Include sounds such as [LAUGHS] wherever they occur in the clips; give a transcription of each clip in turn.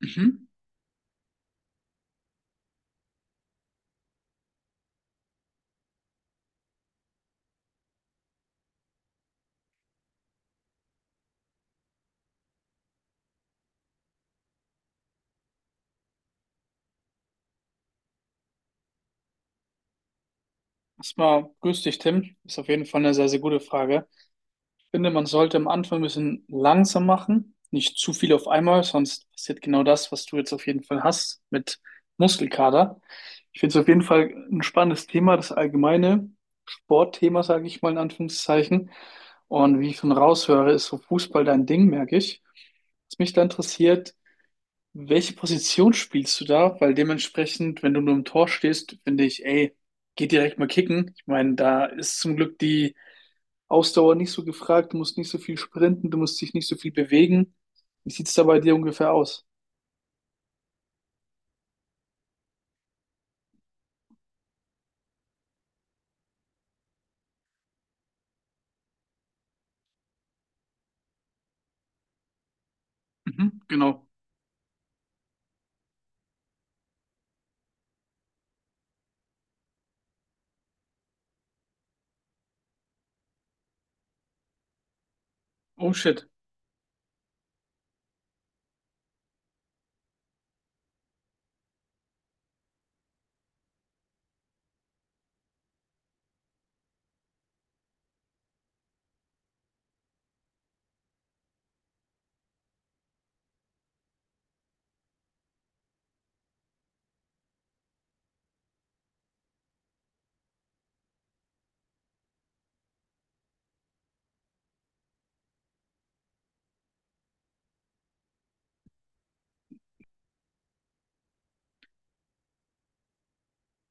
Mhm. Erstmal grüß dich, Tim. Ist auf jeden Fall eine sehr, sehr gute Frage. Ich finde, man sollte am Anfang ein bisschen langsam machen, nicht zu viel auf einmal, sonst passiert genau das, was du jetzt auf jeden Fall hast mit Muskelkater. Ich finde es auf jeden Fall ein spannendes Thema, das allgemeine Sportthema, sage ich mal in Anführungszeichen. Und wie ich schon raushöre, ist so Fußball dein Ding, merke ich. Was mich da interessiert: Welche Position spielst du da? Weil dementsprechend, wenn du nur im Tor stehst, finde ich, ey, geh direkt mal kicken. Ich meine, da ist zum Glück die Ausdauer nicht so gefragt, du musst nicht so viel sprinten, du musst dich nicht so viel bewegen. Wie sieht's da bei dir ungefähr aus? Mhm, genau. Oh shit.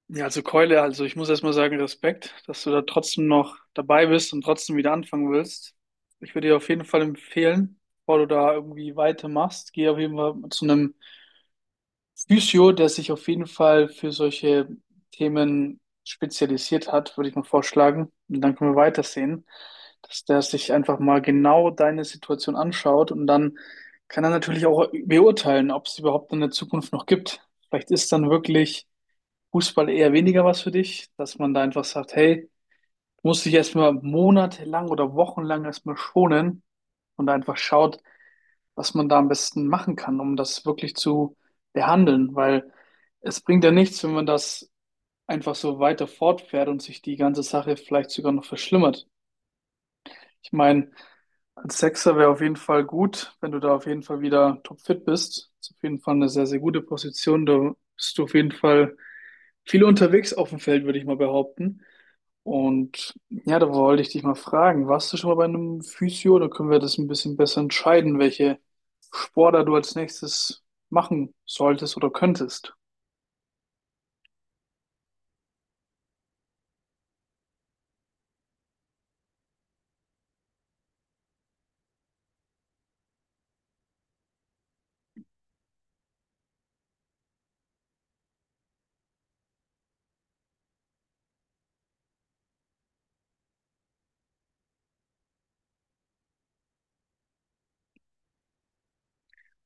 Ja, also Keule, also ich muss erstmal sagen, Respekt, dass du da trotzdem noch dabei bist und trotzdem wieder anfangen willst. Ich würde dir auf jeden Fall empfehlen, bevor du da irgendwie weitermachst, geh auf jeden Fall zu einem Physio, der sich auf jeden Fall für solche Themen spezialisiert hat, würde ich mal vorschlagen. Und dann können wir weitersehen, dass der sich einfach mal genau deine Situation anschaut, und dann kann er natürlich auch beurteilen, ob es überhaupt in der Zukunft noch gibt. Vielleicht ist dann wirklich Fußball eher weniger was für dich, dass man da einfach sagt, hey, muss dich erstmal monatelang oder wochenlang erstmal schonen und einfach schaut, was man da am besten machen kann, um das wirklich zu behandeln, weil es bringt ja nichts, wenn man das einfach so weiter fortfährt und sich die ganze Sache vielleicht sogar noch verschlimmert. Ich meine, als Sechser wäre auf jeden Fall gut, wenn du da auf jeden Fall wieder topfit bist. Ist auf jeden Fall eine sehr, sehr gute Position. Da bist du auf jeden Fall viel unterwegs auf dem Feld, würde ich mal behaupten. Und ja, da wollte ich dich mal fragen, warst du schon mal bei einem Physio? Da können wir das ein bisschen besser entscheiden, welche Sportler du als nächstes machen solltest oder könntest.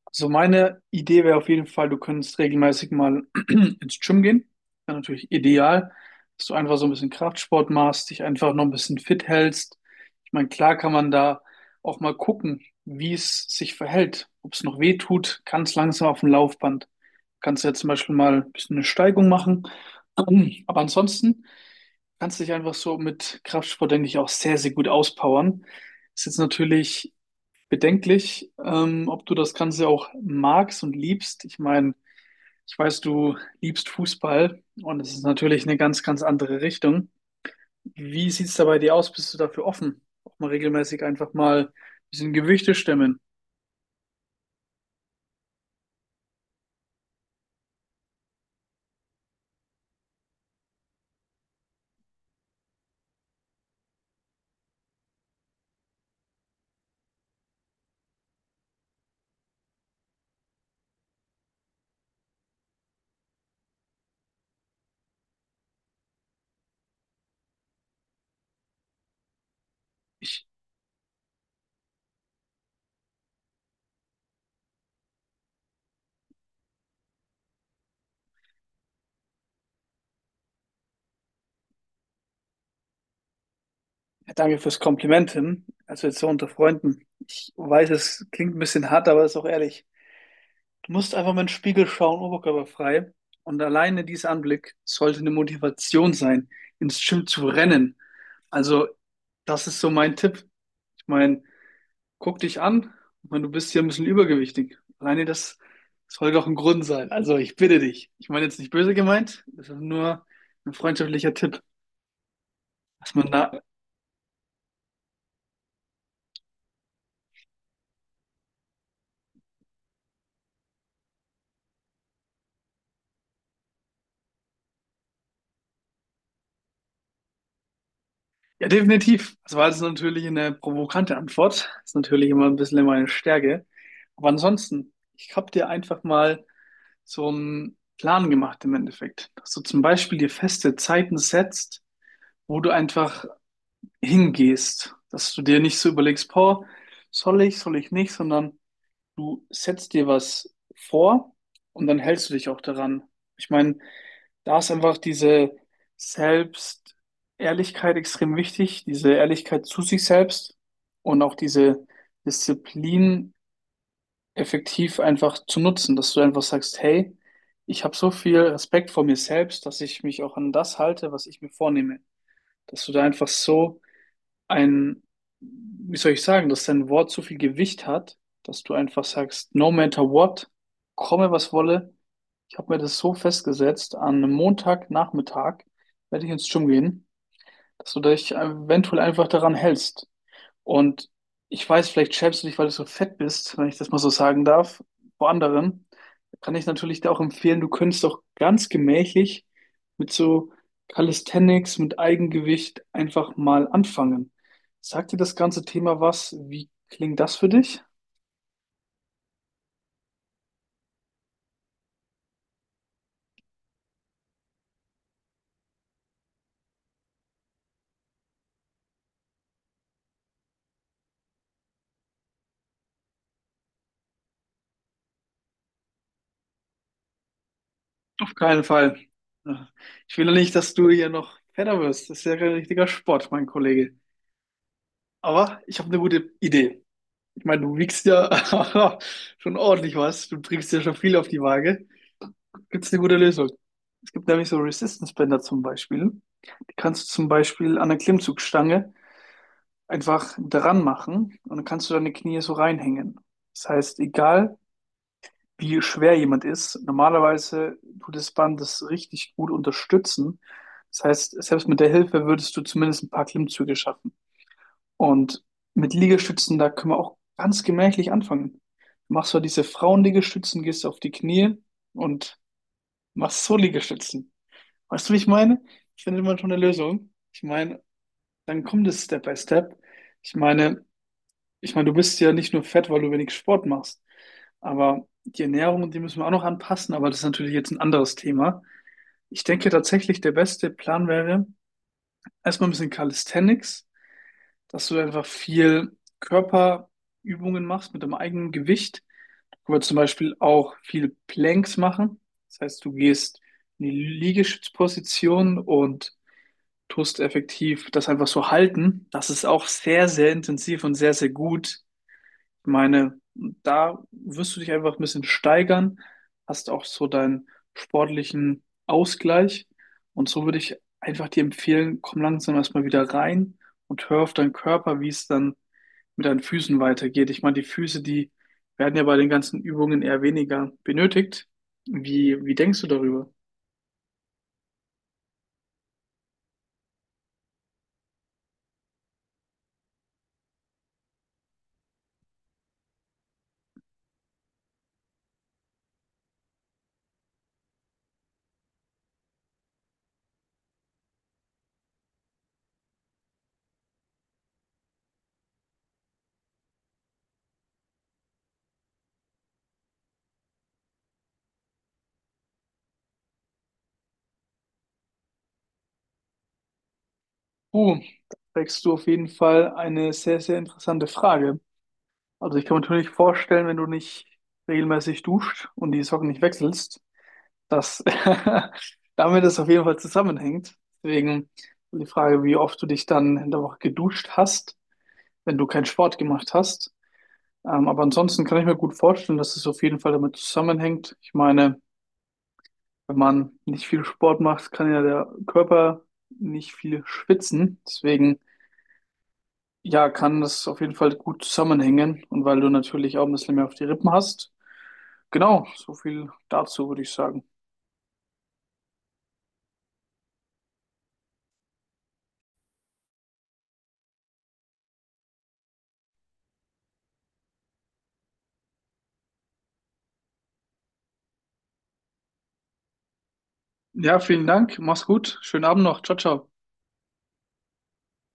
Also meine Idee wäre auf jeden Fall, du könntest regelmäßig mal [CLEARS THROAT] ins Gym gehen. Wäre natürlich ideal, dass du einfach so ein bisschen Kraftsport machst, dich einfach noch ein bisschen fit hältst. Ich meine, klar kann man da auch mal gucken, wie es sich verhält, ob es noch weh tut, ganz langsam auf dem Laufband. Kannst du ja zum Beispiel mal ein bisschen eine Steigung machen. [CLEARS THROAT] Aber ansonsten kannst du dich einfach so mit Kraftsport, denke ich, auch sehr, sehr gut auspowern. Ist jetzt natürlich bedenklich, ob du das Ganze auch magst und liebst. Ich meine, ich weiß, du liebst Fußball und es ist natürlich eine ganz, ganz andere Richtung. Wie sieht es da bei dir aus? Bist du dafür offen? Auch mal regelmäßig einfach mal ein bisschen Gewichte stemmen. Ich ja, danke fürs Kompliment hin. Also jetzt so unter Freunden. Ich weiß, es klingt ein bisschen hart, aber ist auch ehrlich. Du musst einfach mal in den Spiegel schauen, oberkörperfrei. Und alleine dieser Anblick sollte eine Motivation sein, ins Gym zu rennen. Also, das ist so mein Tipp. Ich meine, guck dich an. Ich meine, du bist hier ein bisschen übergewichtig. Alleine das soll doch ein Grund sein. Also, ich bitte dich. Ich meine jetzt nicht böse gemeint. Das ist nur ein freundschaftlicher Tipp, dass man da. Ja, definitiv. Das war jetzt natürlich eine provokante Antwort. Das ist natürlich immer ein bisschen meine Stärke. Aber ansonsten, ich habe dir einfach mal so einen Plan gemacht im Endeffekt, dass du zum Beispiel dir feste Zeiten setzt, wo du einfach hingehst, dass du dir nicht so überlegst, boah, soll ich, nicht, sondern du setzt dir was vor und dann hältst du dich auch daran. Ich meine, da ist einfach diese Selbstehrlichkeit extrem wichtig, diese Ehrlichkeit zu sich selbst und auch diese Disziplin effektiv einfach zu nutzen, dass du einfach sagst, hey, ich habe so viel Respekt vor mir selbst, dass ich mich auch an das halte, was ich mir vornehme. Dass du da einfach so ein, wie soll ich sagen, dass dein Wort so viel Gewicht hat, dass du einfach sagst, no matter what, komme was wolle. Ich habe mir das so festgesetzt, an einem Montagnachmittag werde ich ins Gym gehen, dass du dich eventuell einfach daran hältst. Und ich weiß, vielleicht schämst du dich, weil du so fett bist, wenn ich das mal so sagen darf, vor anderen. Kann ich natürlich dir auch empfehlen, du könntest auch ganz gemächlich mit so Calisthenics, mit Eigengewicht einfach mal anfangen. Sagt dir das ganze Thema was? Wie klingt das für dich? Auf keinen Fall. Ich will ja nicht, dass du hier noch fetter wirst. Das ist ja kein richtiger Sport, mein Kollege. Aber ich habe eine gute Idee. Ich meine, du wiegst ja [LAUGHS] schon ordentlich was. Du bringst ja schon viel auf die Waage. Gibt es eine gute Lösung? Es gibt nämlich so Resistance-Bänder zum Beispiel. Die kannst du zum Beispiel an der Klimmzugstange einfach dran machen und dann kannst du deine Knie so reinhängen. Das heißt, egal wie schwer jemand ist, normalerweise tut das Band das richtig gut unterstützen. Das heißt, selbst mit der Hilfe würdest du zumindest ein paar Klimmzüge schaffen. Und mit Liegestützen, da können wir auch ganz gemächlich anfangen. Du machst so diese Frauenliegestützen, gehst auf die Knie und machst so Liegestützen. Weißt du, wie ich meine? Ich finde immer schon eine Lösung. Ich meine, dann kommt es Step by Step. Ich meine, ich meine, du bist ja nicht nur fett, weil du wenig Sport machst, aber die Ernährung, die müssen wir auch noch anpassen, aber das ist natürlich jetzt ein anderes Thema. Ich denke tatsächlich, der beste Plan wäre, erstmal ein bisschen Calisthenics, dass du einfach viel Körperübungen machst mit deinem eigenen Gewicht. Du kannst zum Beispiel auch viel Planks machen. Das heißt, du gehst in die Liegestützposition und tust effektiv das einfach so halten. Das ist auch sehr, sehr intensiv und sehr, sehr gut. Ich meine, da wirst du dich einfach ein bisschen steigern, hast auch so deinen sportlichen Ausgleich. Und so würde ich einfach dir empfehlen, komm langsam erstmal wieder rein und hör auf deinen Körper, wie es dann mit deinen Füßen weitergeht. Ich meine, die Füße, die werden ja bei den ganzen Übungen eher weniger benötigt. Wie denkst du darüber? Uh, Da trägst du auf jeden Fall eine sehr, sehr interessante Frage. Also ich kann mir natürlich vorstellen, wenn du nicht regelmäßig duscht und die Socken nicht wechselst, dass [LAUGHS] damit das auf jeden Fall zusammenhängt. Deswegen die Frage, wie oft du dich dann in der Woche geduscht hast, wenn du keinen Sport gemacht hast. Aber ansonsten kann ich mir gut vorstellen, dass es auf jeden Fall damit zusammenhängt. Ich meine, wenn man nicht viel Sport macht, kann ja der Körper nicht viel schwitzen. Deswegen ja, kann das auf jeden Fall gut zusammenhängen und weil du natürlich auch ein bisschen mehr auf die Rippen hast. Genau, so viel dazu würde ich sagen. Ja, vielen Dank. Mach's gut. Schönen Abend noch. Ciao, ciao.